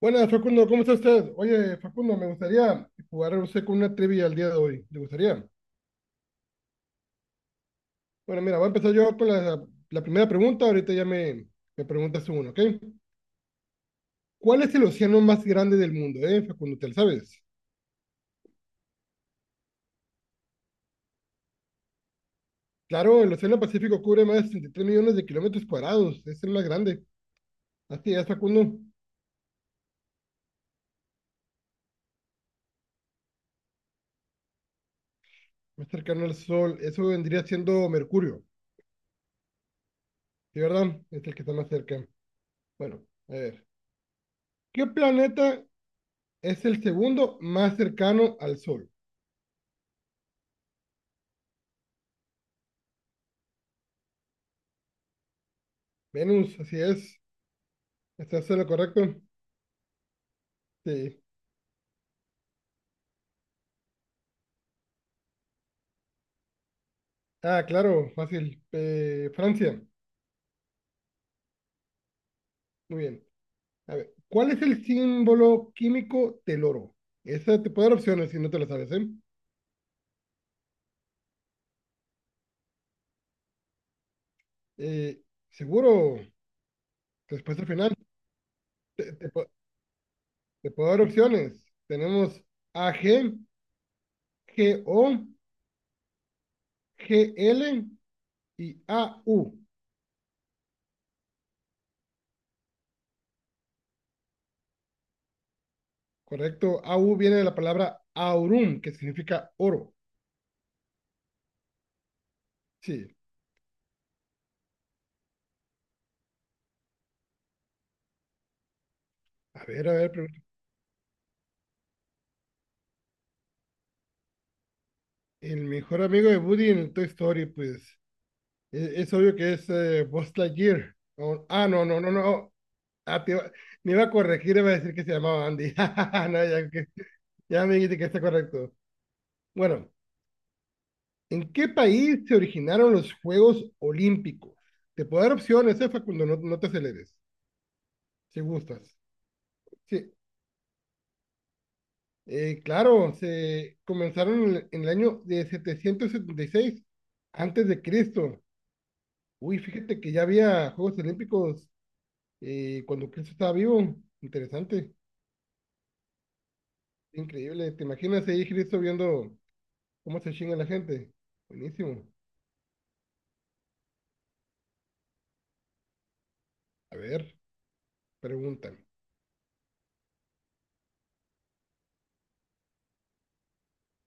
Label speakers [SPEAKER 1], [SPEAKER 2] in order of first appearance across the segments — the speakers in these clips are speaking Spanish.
[SPEAKER 1] Buenas, Facundo, ¿cómo está usted? Oye, Facundo, me gustaría jugar usted con una trivia el día de hoy. ¿Le gustaría? Bueno, mira, voy a empezar yo con la primera pregunta. Ahorita ya me preguntas tú uno, ¿ok? ¿Cuál es el océano más grande del mundo, Facundo? ¿Te lo sabes? Claro, el océano Pacífico cubre más de 63 millones de kilómetros cuadrados. Es el más grande. Así es, Facundo. Más cercano al Sol. Eso vendría siendo Mercurio. ¿Sí, verdad? Es el que está más cerca. Bueno, a ver. ¿Qué planeta es el segundo más cercano al Sol? Venus, así es. ¿Estás en lo correcto? Sí. Ah, claro, fácil. Francia. Muy bien. A ver, ¿cuál es el símbolo químico del oro? Esa te puedo dar opciones si no te la sabes, ¿eh? Eh, Seguro, respuesta final. Te, te pu- te puedo dar opciones. Tenemos Ag Go Gl y Au. Correcto, Au viene de la palabra aurum, que significa oro. Sí. A ver, el mejor amigo de Woody en el Toy Story, pues es obvio que es Buzz Lightyear. Ah, no, no, no, no. Ah, me iba a corregir, iba a decir que se llamaba Andy. No, ya, ya me dijiste que está correcto. Bueno, ¿en qué país se originaron los Juegos Olímpicos? Te puedo dar opciones, Facundo, no, no te aceleres, si gustas. Sí, claro, se comenzaron en el año de 776 antes de Cristo. Uy, fíjate que ya había Juegos Olímpicos y cuando Cristo estaba vivo. Interesante, increíble. ¿Te imaginas ahí Cristo viendo cómo se chinga la gente? Buenísimo. A ver, pregúntame.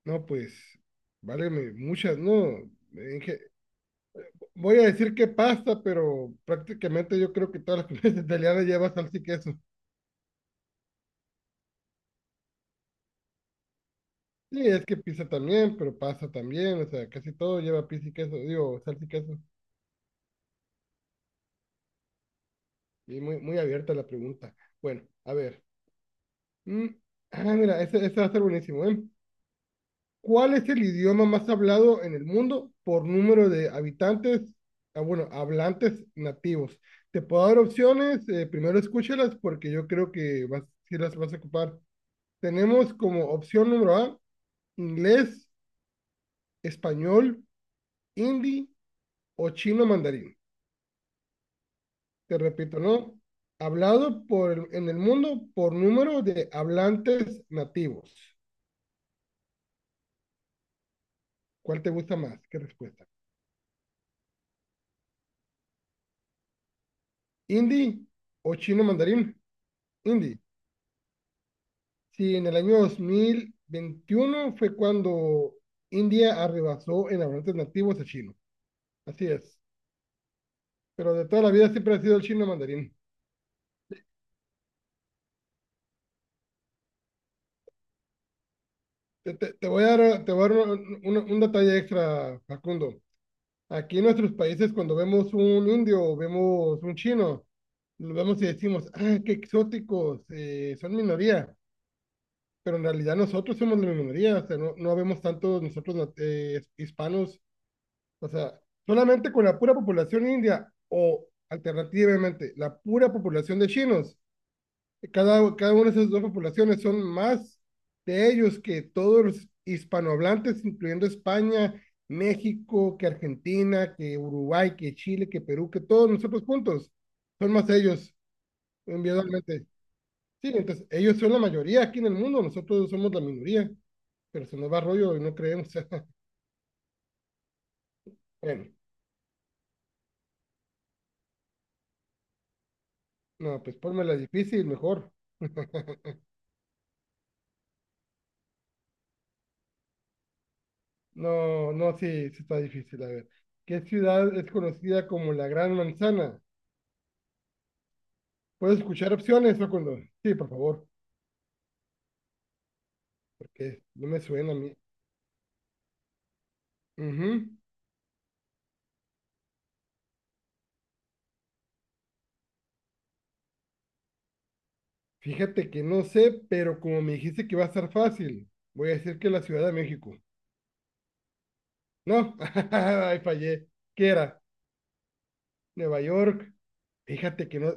[SPEAKER 1] No, pues, válgame, muchas, no. En ge- Voy a decir que pasta, pero prácticamente yo creo que todas las comidas italianas llevan salsa y queso. Sí, es que pizza también, pero pasta también, o sea, casi todo lleva pizza y queso, digo, salsa y queso. Y muy, muy abierta la pregunta. Bueno, a ver. Mm, Ah, mira, esta va a ser buenísimo, ¿eh? ¿Cuál es el idioma más hablado en el mundo por número de habitantes, ah, bueno, hablantes nativos? Te puedo dar opciones, primero escúchalas porque yo creo que sí las vas a ocupar. Tenemos como opción número A, inglés, español, hindi o chino mandarín. Te repito, ¿no? Hablado en el mundo por número de hablantes nativos. ¿Cuál te gusta más? ¿Qué respuesta? ¿Hindi o chino mandarín? Hindi. Sí, en el año 2021 fue cuando India arrebasó en hablantes nativos a chino. Así es. Pero de toda la vida siempre ha sido el chino mandarín. Te voy a dar un detalle extra, Facundo. Aquí en nuestros países, cuando vemos un indio o vemos un chino, lo vemos y decimos, ah, qué exóticos, son minoría. Pero en realidad nosotros somos la minoría, o sea, no, no vemos tantos nosotros hispanos. O sea, solamente con la pura población india o alternativamente la pura población de chinos, cada una de esas dos poblaciones son más de ellos que todos los hispanohablantes, incluyendo España, México, que Argentina, que Uruguay, que Chile, que Perú, que todos nosotros juntos, son más ellos individualmente. Sí, entonces ellos son la mayoría aquí en el mundo, nosotros somos la minoría, pero se nos va rollo y no creemos. Bueno, no, pues ponme la difícil, mejor. No, no, sí, sí está difícil. A ver, ¿qué ciudad es conocida como la Gran Manzana? ¿Puedo escuchar opciones o cuando? Sí, por favor, porque no me suena a mí. Ujú. Fíjate que no sé, pero como me dijiste que va a estar fácil, voy a decir que la Ciudad de México. No, ay, fallé. ¿Qué era? Nueva York. Fíjate que no,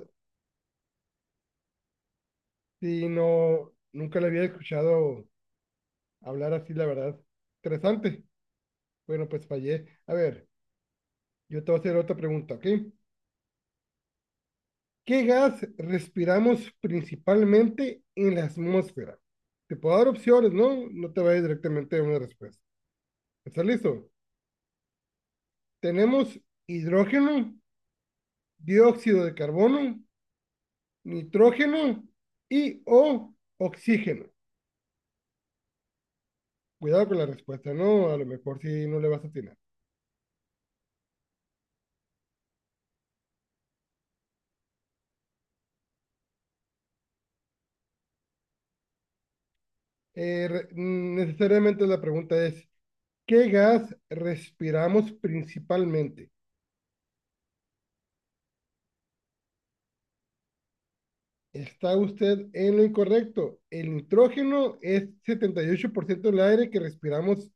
[SPEAKER 1] sí, no, nunca le había escuchado hablar así, la verdad. Interesante. Bueno, pues fallé. A ver, yo te voy a hacer otra pregunta, ¿ok? ¿Qué gas respiramos principalmente en la atmósfera? Te puedo dar opciones, ¿no? No te vayas directamente a una respuesta. ¿Está listo? Tenemos hidrógeno, dióxido de carbono, nitrógeno y o oxígeno. Cuidado con la respuesta, ¿no? A lo mejor si no le vas a atinar. Eh, Necesariamente la pregunta es, ¿qué gas respiramos principalmente? Está usted en lo incorrecto. El nitrógeno es 78% del aire que respiramos.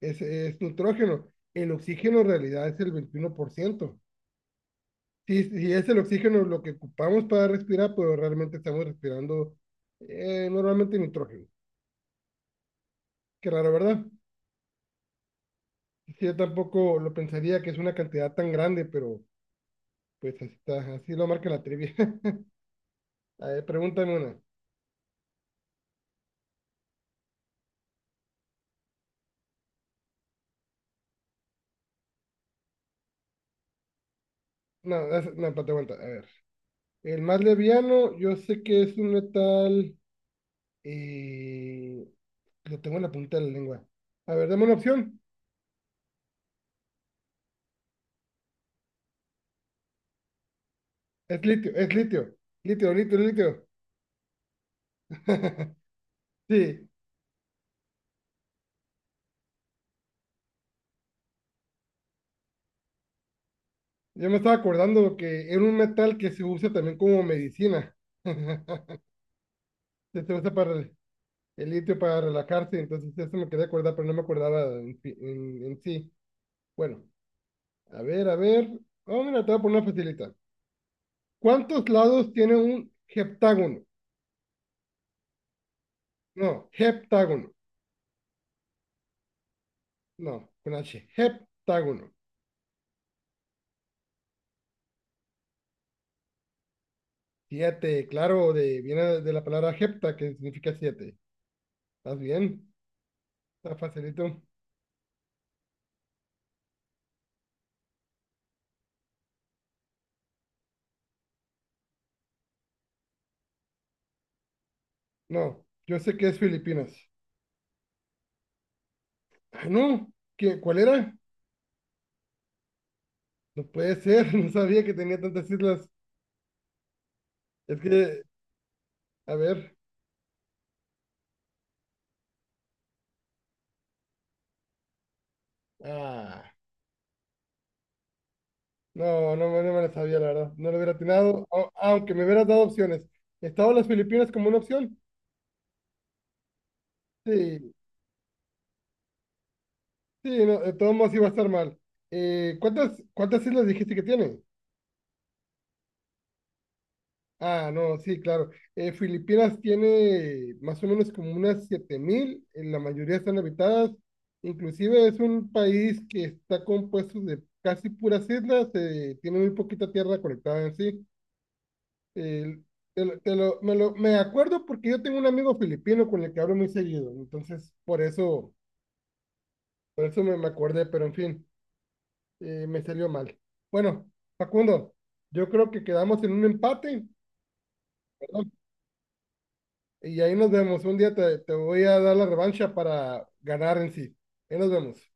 [SPEAKER 1] Es nitrógeno. El oxígeno en realidad es el 21%. Si, si es el oxígeno lo que ocupamos para respirar, pues realmente estamos respirando normalmente nitrógeno. Qué raro, ¿verdad? Sí, yo tampoco lo pensaría que es una cantidad tan grande, pero pues así está, así lo marca la trivia. A ver, pregúntame una. No, no, espérate, aguanta. A ver. El más liviano, yo sé que es un metal. Y lo tengo en la punta de la lengua. A ver, dame una opción. Es litio, litio, litio, litio. Sí, yo me estaba acordando que era un metal que se usa también como medicina. Se usa para el litio para relajarse, entonces eso me quería acordar, pero no me acordaba en sí. Bueno, a ver, a ver. Vamos mira, te voy a poner una facilita. ¿Cuántos lados tiene un heptágono? No, heptágono. No, con H. Heptágono. Siete, claro, viene de la palabra hepta, que significa siete. ¿Estás bien? Está facilito. No, yo sé que es Filipinas. Ah, no, ¿cuál era? No puede ser, no sabía que tenía tantas islas. Es que, a ver, ah, no, no, me no me la sabía, la verdad. No lo hubiera atinado, aunque me hubieras dado opciones. ¿Estaba las Filipinas como una opción? Sí, sí, no, de todos modos iba a estar mal. ¿Cuántas islas dijiste que tiene? Ah, no, sí, claro. Filipinas tiene más o menos como unas 7000. La mayoría están habitadas. Inclusive es un país que está compuesto de casi puras islas, tiene muy poquita tierra conectada en sí. El- te lo- me acuerdo porque yo tengo un amigo filipino con el que hablo muy seguido, entonces por eso me acordé, pero en fin, me salió mal. Bueno, Facundo, yo creo que quedamos en un empate, ¿verdad? Y ahí nos vemos. Un día te voy a dar la revancha para ganar en sí. Ahí nos vemos.